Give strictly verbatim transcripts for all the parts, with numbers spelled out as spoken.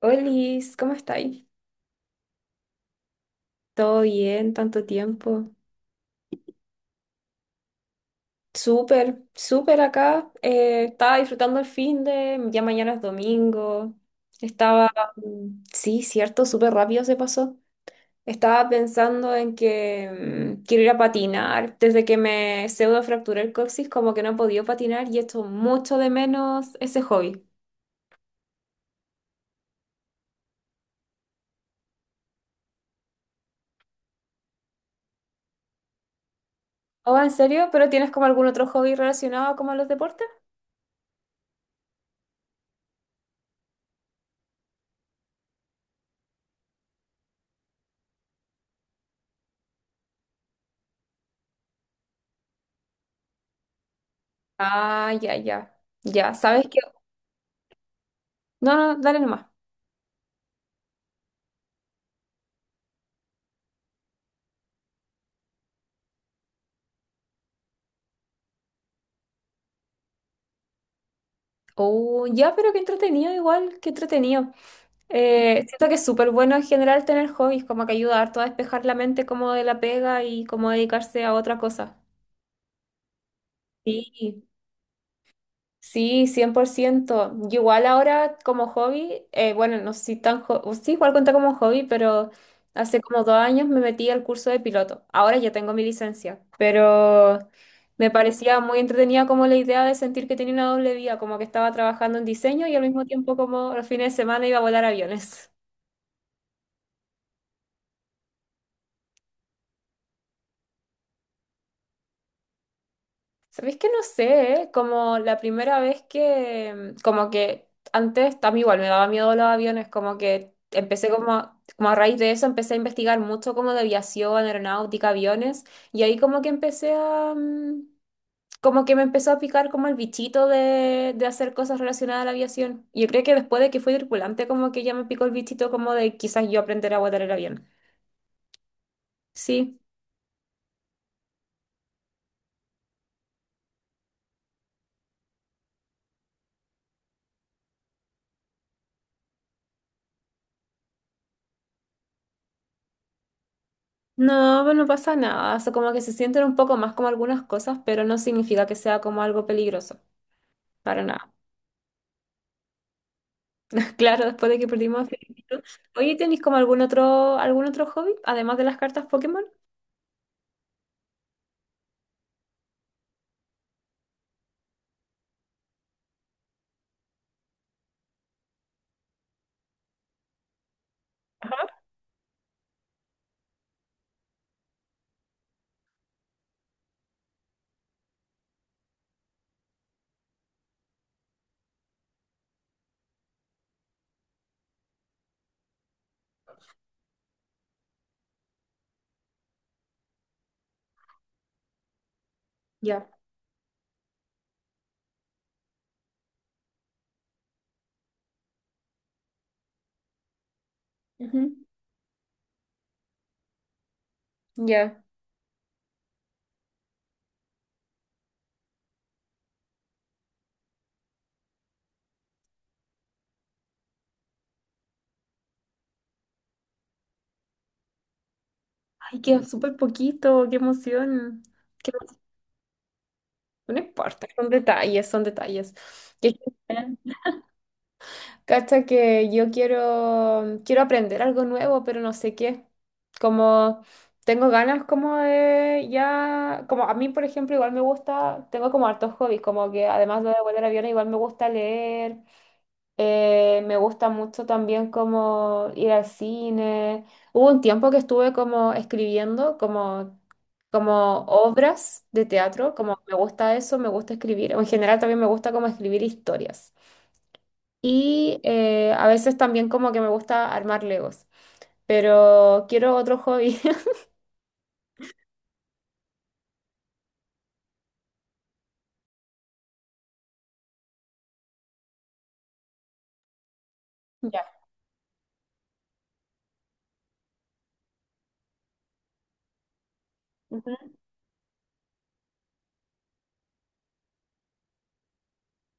Olis, ¿cómo estáis? ¿Todo bien? ¿Tanto tiempo? Súper, súper acá. eh, estaba disfrutando el fin de, ya mañana es domingo. Estaba, mm, sí, cierto, súper rápido se pasó. Estaba pensando en que mm, quiero ir a patinar. Desde que me pseudo fracturé el coxis, como que no he podido patinar y echo mucho de menos ese hobby. Oh, ¿en serio? ¿Pero tienes como algún otro hobby relacionado como a los deportes? Ah, ya, ya. Ya, ¿sabes qué? No, no, dale nomás. Oh, ya, pero qué entretenido igual, qué entretenido. Eh, siento que es súper bueno en general tener hobbies, como que ayuda harto a despejar la mente como de la pega y como dedicarse a otra cosa. Sí, Sí, cien por ciento. Yo igual ahora como hobby, eh, bueno, no sé si tan jo- o sí, igual cuenta como hobby, pero hace como dos años me metí al curso de piloto. Ahora ya tengo mi licencia, pero me parecía muy entretenida como la idea de sentir que tenía una doble vía, como que estaba trabajando en diseño y al mismo tiempo como los fines de semana iba a volar aviones. Sabéis que no sé, ¿eh? Como la primera vez que, mm, como que antes también igual me daba miedo los aviones, como que empecé como a, como a raíz de eso empecé a investigar mucho como de aviación, aeronáutica, aviones, y ahí como que empecé a, mm, como que me empezó a picar como el bichito de, de hacer cosas relacionadas a la aviación. Y yo creo que después de que fui tripulante, como que ya me picó el bichito como de quizás yo aprender a volar el avión. Sí. No, pues no pasa nada. O sea, como que se sienten un poco más como algunas cosas, pero no significa que sea como algo peligroso. Para nada. Claro, después de que perdimos a Felipito. Oye, ¿tenéis como algún otro, algún otro hobby? Además de las cartas Pokémon. Ya. Ujú, Ya. Ay, queda súper poquito. Qué emoción. Qué emoción. No importa. Son detalles, son detalles. Qué genial. Cacha que yo quiero, quiero aprender algo nuevo, pero no sé qué. Como tengo ganas como de ya, como a mí por ejemplo igual me gusta, tengo como hartos hobbies, como que además de volar aviones igual me gusta leer, eh, me gusta mucho también como ir al cine. Hubo un tiempo que estuve como escribiendo como, como obras de teatro, como me gusta eso, me gusta escribir. En general también me gusta como escribir historias. Y eh, a veces también como que me gusta armar Legos, pero quiero otro hobby. Ya. Ujú.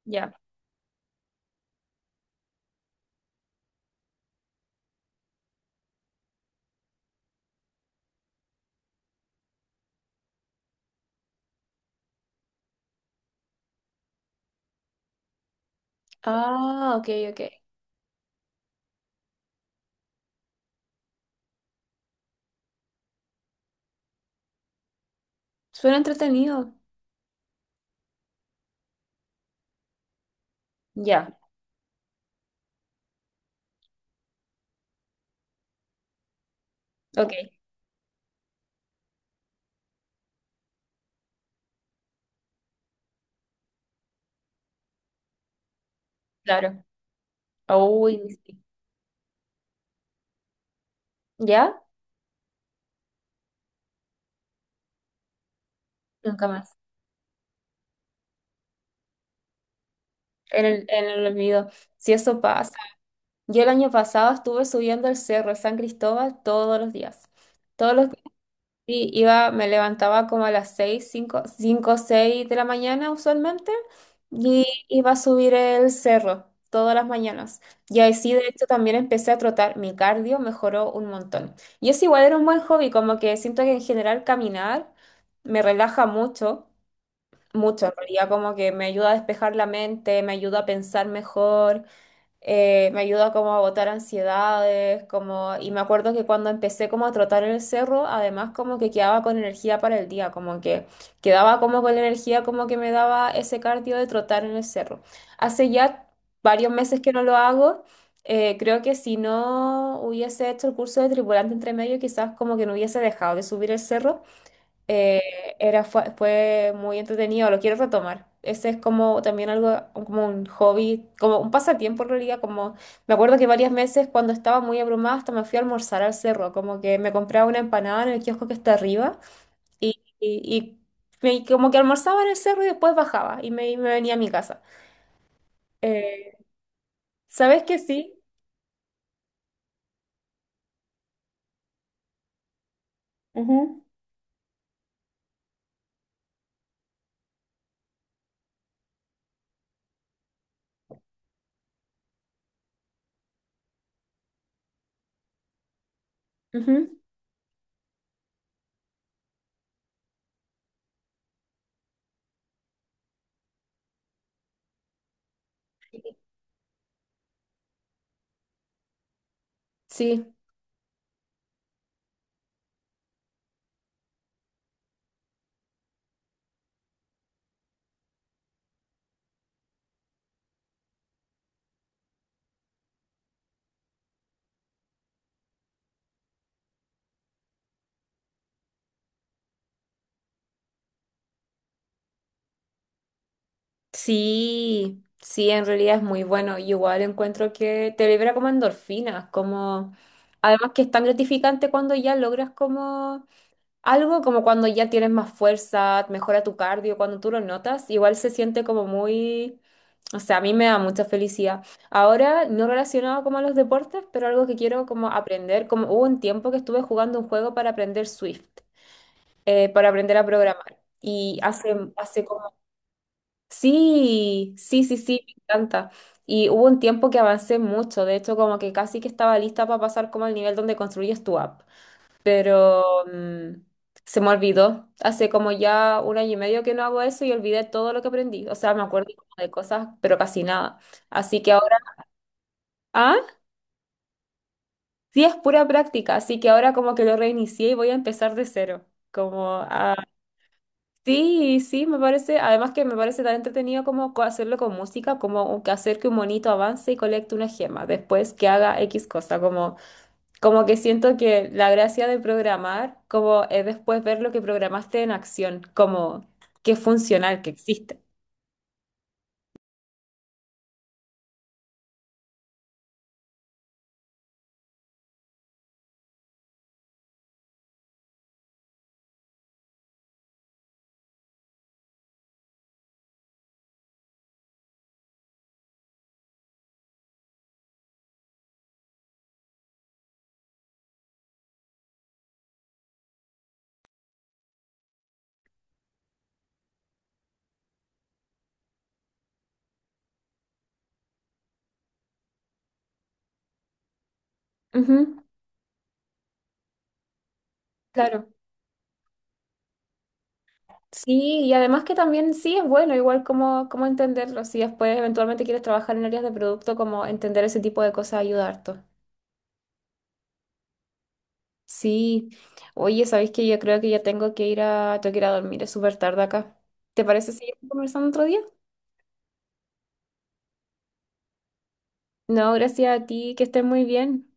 Ya, Ah, ok, ok. Suena entretenido. ya, ok, claro. Uy, sí. ¿Ya? Nunca más. En el, en el olvido. Si eso pasa. Yo el año pasado estuve subiendo el cerro de San Cristóbal todos los días. Todos los Sí, iba, me levantaba como a las seis cinco cinco seis de la mañana usualmente y iba a subir el cerro todas las mañanas. Y ahí sí, de hecho, también empecé a trotar. Mi cardio mejoró un montón. Y es igual, era un buen hobby, como que siento que en general caminar me relaja mucho, mucho en realidad, como que me ayuda a despejar la mente, me ayuda a pensar mejor, eh, me ayuda como a botar ansiedades, como, y me acuerdo que cuando empecé como a trotar en el cerro, además como que quedaba con energía para el día, como que quedaba como con la energía como que me daba ese cardio de trotar en el cerro. Hace ya varios meses que no lo hago, eh, creo que si no hubiese hecho el curso de tripulante entre medio, quizás como que no hubiese dejado de subir el cerro, eh, era, fue, fue muy entretenido, lo quiero retomar. Ese es como también algo, como un hobby, como un pasatiempo en realidad, como me acuerdo que varias veces cuando estaba muy abrumada hasta me fui a almorzar al cerro, como que me compraba una empanada en el kiosco que está arriba y, y, y me- y como que almorzaba en el cerro y después bajaba y me, y me venía a mi casa. Eh, ¿sabes que sí? Ujú. Ujú. Sí, Sí, sí, en realidad es muy bueno. Y Igual encuentro que te libera como endorfinas, como además que es tan gratificante cuando ya logras como algo, como cuando ya tienes más fuerza, mejora tu cardio, cuando tú lo notas, igual se siente como muy, o sea, a mí me da mucha felicidad. Ahora, no relacionado como a los deportes, pero algo que quiero como aprender, como hubo un tiempo que estuve jugando un juego para aprender Swift, eh, para aprender a programar. Y hace, hace como Sí, sí, sí, sí, me encanta. Y hubo un tiempo que avancé mucho, de hecho como que casi que estaba lista para pasar como al nivel donde construyes tu app, pero mm, se me olvidó. Hace como ya un año y medio que no hago eso y olvidé todo lo que aprendí. O sea, me acuerdo como de cosas, pero casi nada. Así que ahora, ah, sí es pura práctica, así que ahora como que lo reinicié y voy a empezar de cero, como a Sí, sí, me parece, además que me parece tan entretenido como co- hacerlo con música, como que hacer que un monito avance y colecte una gema, después que haga X cosa, como, como que siento que la gracia de programar como es después ver lo que programaste en acción, como que es funcional, que existe. Ujú, claro. Sí, y además que también sí es bueno, igual como, como entenderlo, si después eventualmente quieres trabajar en áreas de producto, como entender ese tipo de cosas ayuda harto. Sí, oye, ¿sabéis que yo creo que ya tengo que ir a, tengo que ir a dormir, es súper tarde acá. ¿Te parece seguir conversando otro día? No, gracias a ti, que estés muy bien.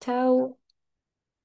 Chao.